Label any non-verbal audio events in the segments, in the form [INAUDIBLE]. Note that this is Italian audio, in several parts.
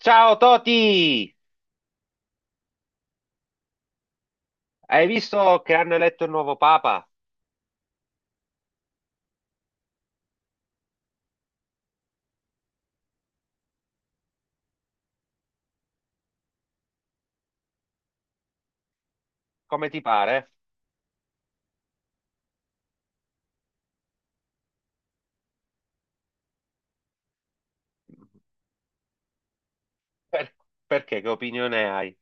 Ciao Toti! Hai visto che hanno eletto il nuovo Papa? Come ti pare? Per- Perché? Che opinione hai?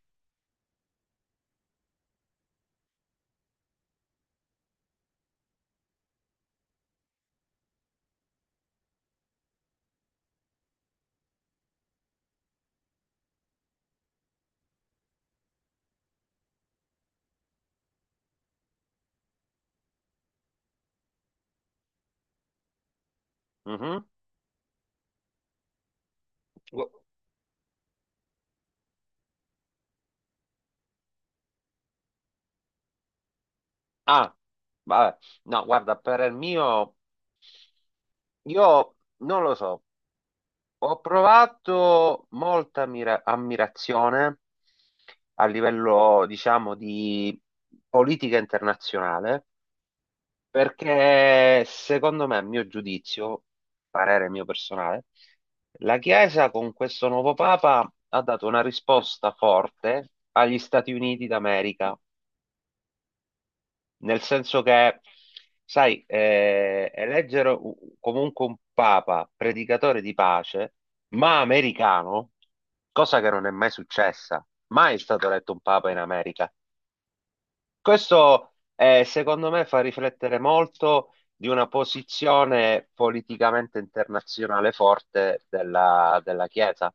Mhm. Gu- Ah, vabbè. No, guarda, per il mio, io non lo so. Ho provato molta ammirazione a livello, diciamo, di politica internazionale. Perché secondo me, a mio giudizio, parere mio personale, la Chiesa con questo nuovo Papa ha dato una risposta forte agli Stati Uniti d'America, nel senso che, sai, eleggere comunque un Papa predicatore di pace, ma americano, cosa che non è mai successa. Mai è stato eletto un Papa in America. Questo secondo me fa riflettere molto di una posizione politicamente internazionale forte della Chiesa.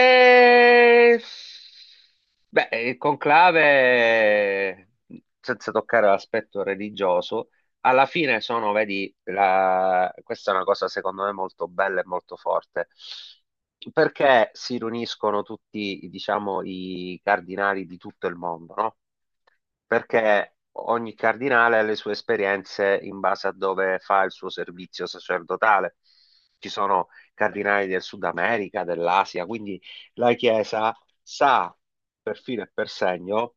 E... Beh, il conclave, senza toccare l'aspetto religioso, alla fine sono, vedi, questa è una cosa secondo me molto bella e molto forte, perché si riuniscono tutti, diciamo, i cardinali di tutto il mondo, no? Perché ogni cardinale ha le sue esperienze in base a dove fa il suo servizio sacerdotale. Ci sono cardinali del Sud America, dell'Asia, quindi la Chiesa sa per filo e per segno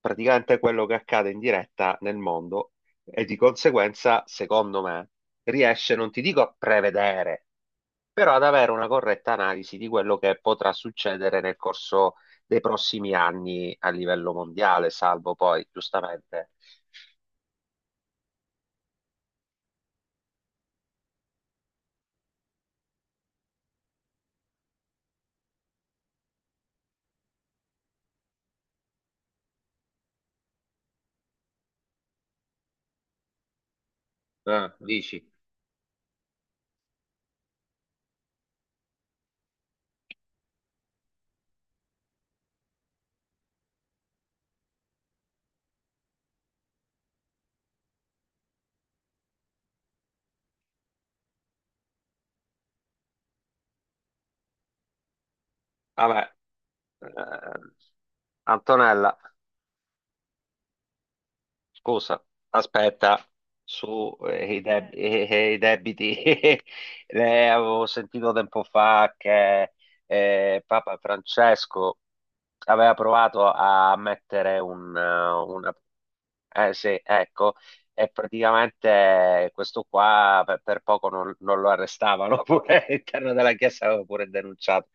praticamente quello che accade in diretta nel mondo e, di conseguenza, secondo me, riesce, non ti dico a prevedere, però ad avere una corretta analisi di quello che potrà succedere nel corso dei prossimi anni a livello mondiale, salvo poi, giustamente, dici, vabbè, eh, Antonella. Scusa, aspetta, su i debiti, [LAUGHS] le avevo sentito tempo fa che Papa Francesco aveva provato a mettere una. Eh sì, ecco, e praticamente questo qua per poco non lo arrestavano, [LAUGHS] pure all'interno della Chiesa aveva pure denunciato.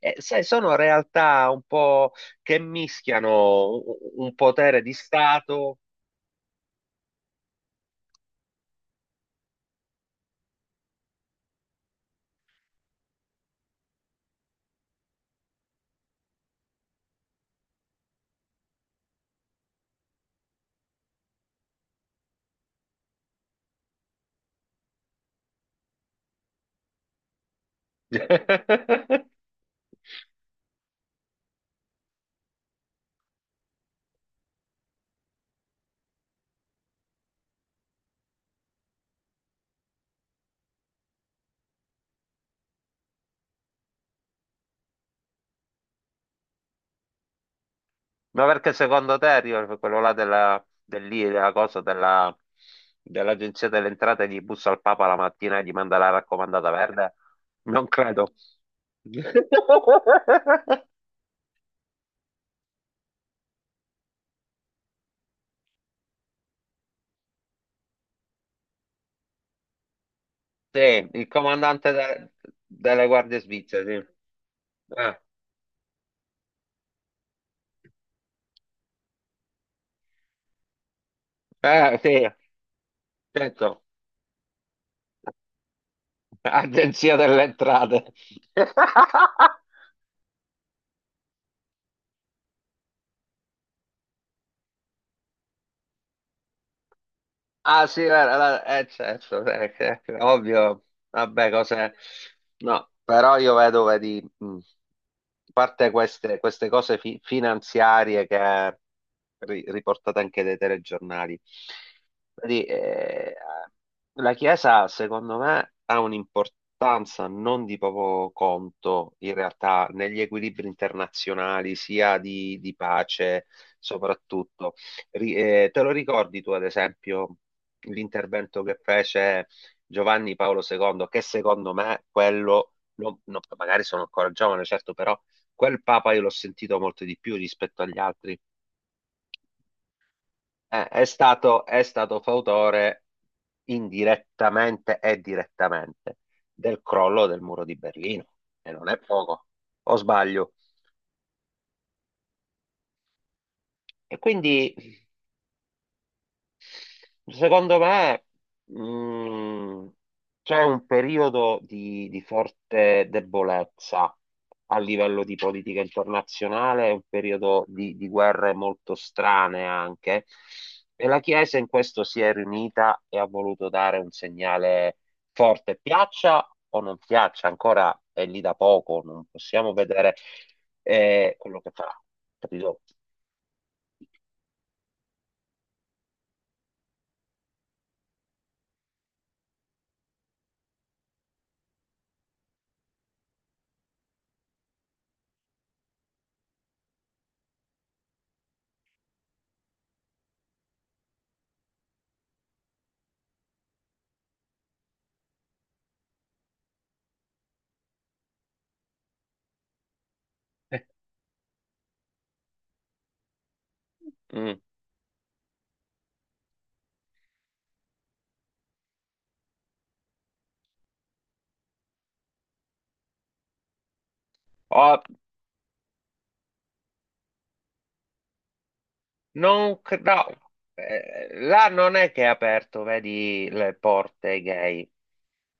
E, sai, sono realtà un po' che mischiano un potere di Stato. [LAUGHS] Ma perché secondo te arriva quello là della, dell'I- della cosa della- dell'agenzia delle entrate, gli bussa al Papa la mattina e gli manda la raccomandata verde? Non credo. [LAUGHS] Sì, il comandante delle guardie svizzere, sì. Sì, certo. Agenzia delle entrate. [LAUGHS] Ah sì, certo, ovvio, vabbè, cos'è? No, però io vedo, vedi, a parte queste cose finanziarie che riportate anche dai telegiornali, vedi, la Chiesa, secondo me, ha un'importanza non di poco conto, in realtà, negli equilibri internazionali, sia di pace, soprattutto. Te lo ricordi tu, ad esempio, l'intervento che fece Giovanni Paolo II, che secondo me quello, no, magari sono ancora giovane, certo, però quel Papa io l'ho sentito molto di più rispetto agli altri. È stato fautore indirettamente e direttamente del crollo del muro di Berlino, e non è poco, o sbaglio. E quindi. Secondo me, mh, c'è un periodo di forte debolezza a livello di politica internazionale, è un periodo di guerre molto strane anche, e la Chiesa in questo si è riunita e ha voluto dare un segnale forte, piaccia o non piaccia. Ancora è lì da poco, non possiamo vedere quello che farà, capito? Mm. Oh, Non, cre- no, là non è che ha aperto, vedi, le porte ai gay.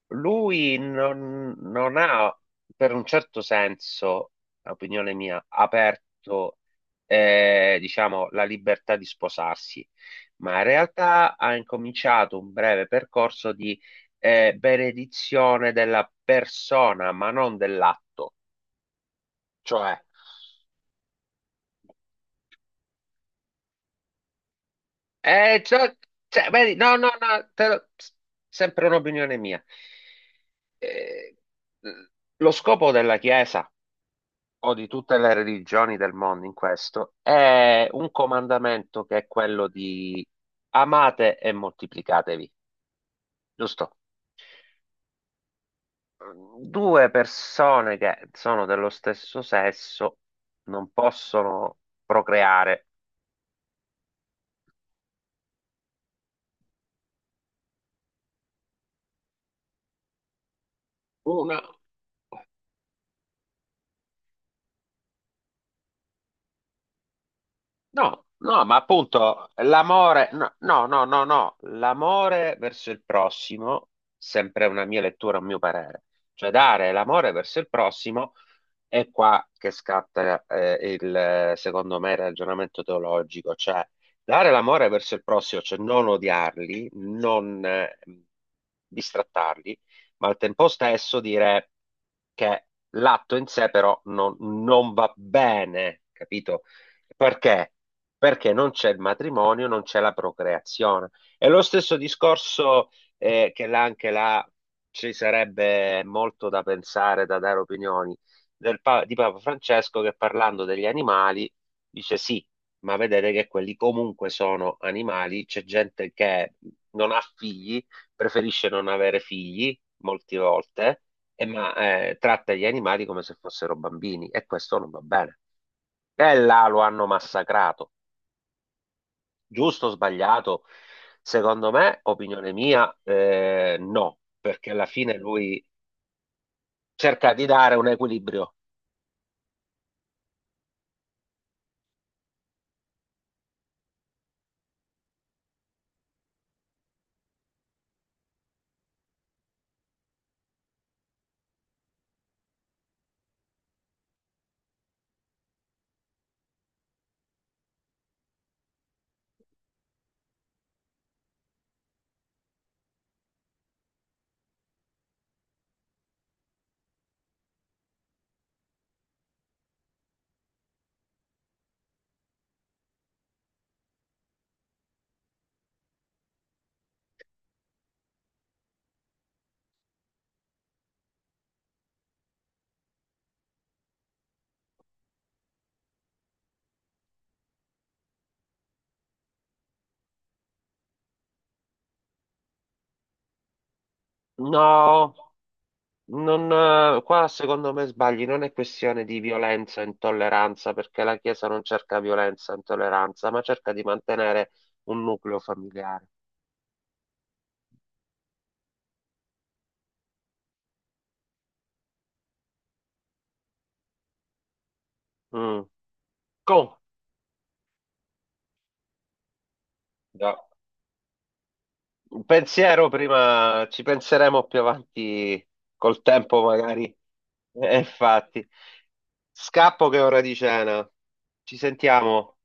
Lui non ha, per un certo senso, opinione mia, aperto, diciamo, la libertà di sposarsi, ma in realtà ha incominciato un breve percorso di, benedizione della persona, ma non dell'atto. Cioè. Eh, cioè, cioè, vedi, no, no, no, sempre un'opinione mia. Eh, lo scopo della Chiesa o di tutte le religioni del mondo in questo è un comandamento, che è quello di amate e moltiplicatevi, giusto? Due persone che sono dello stesso sesso non possono procreare. Una. No, no, ma appunto l'amore, no, no, no, no, no, l'amore verso il prossimo, sempre una mia lettura, un mio parere, cioè dare l'amore verso il prossimo, è qua che scatta il, secondo me, il ragionamento teologico. Cioè dare l'amore verso il prossimo, cioè non odiarli, non distrattarli, ma al tempo stesso dire che l'atto in sé però non va bene, capito? Perché? Perché non c'è il matrimonio, non c'è la procreazione. È lo stesso discorso che là, anche là, ci sarebbe molto da pensare, da dare opinioni di Papa Francesco, che parlando degli animali dice sì, ma vedete che quelli comunque sono animali, c'è gente che non ha figli, preferisce non avere figli molte volte, e ma tratta gli animali come se fossero bambini, e questo non va bene. E là lo hanno massacrato. Giusto o sbagliato? Secondo me, opinione mia, no, perché alla fine lui cerca di dare un equilibrio. No, Non, qua secondo me sbagli, non è questione di violenza e intolleranza, perché la Chiesa non cerca violenza e intolleranza, ma cerca di mantenere un nucleo familiare. Mm. Come? Da- Un pensiero prima, ci penseremo più avanti col tempo, magari. E infatti, scappo che è ora di cena. Ci sentiamo.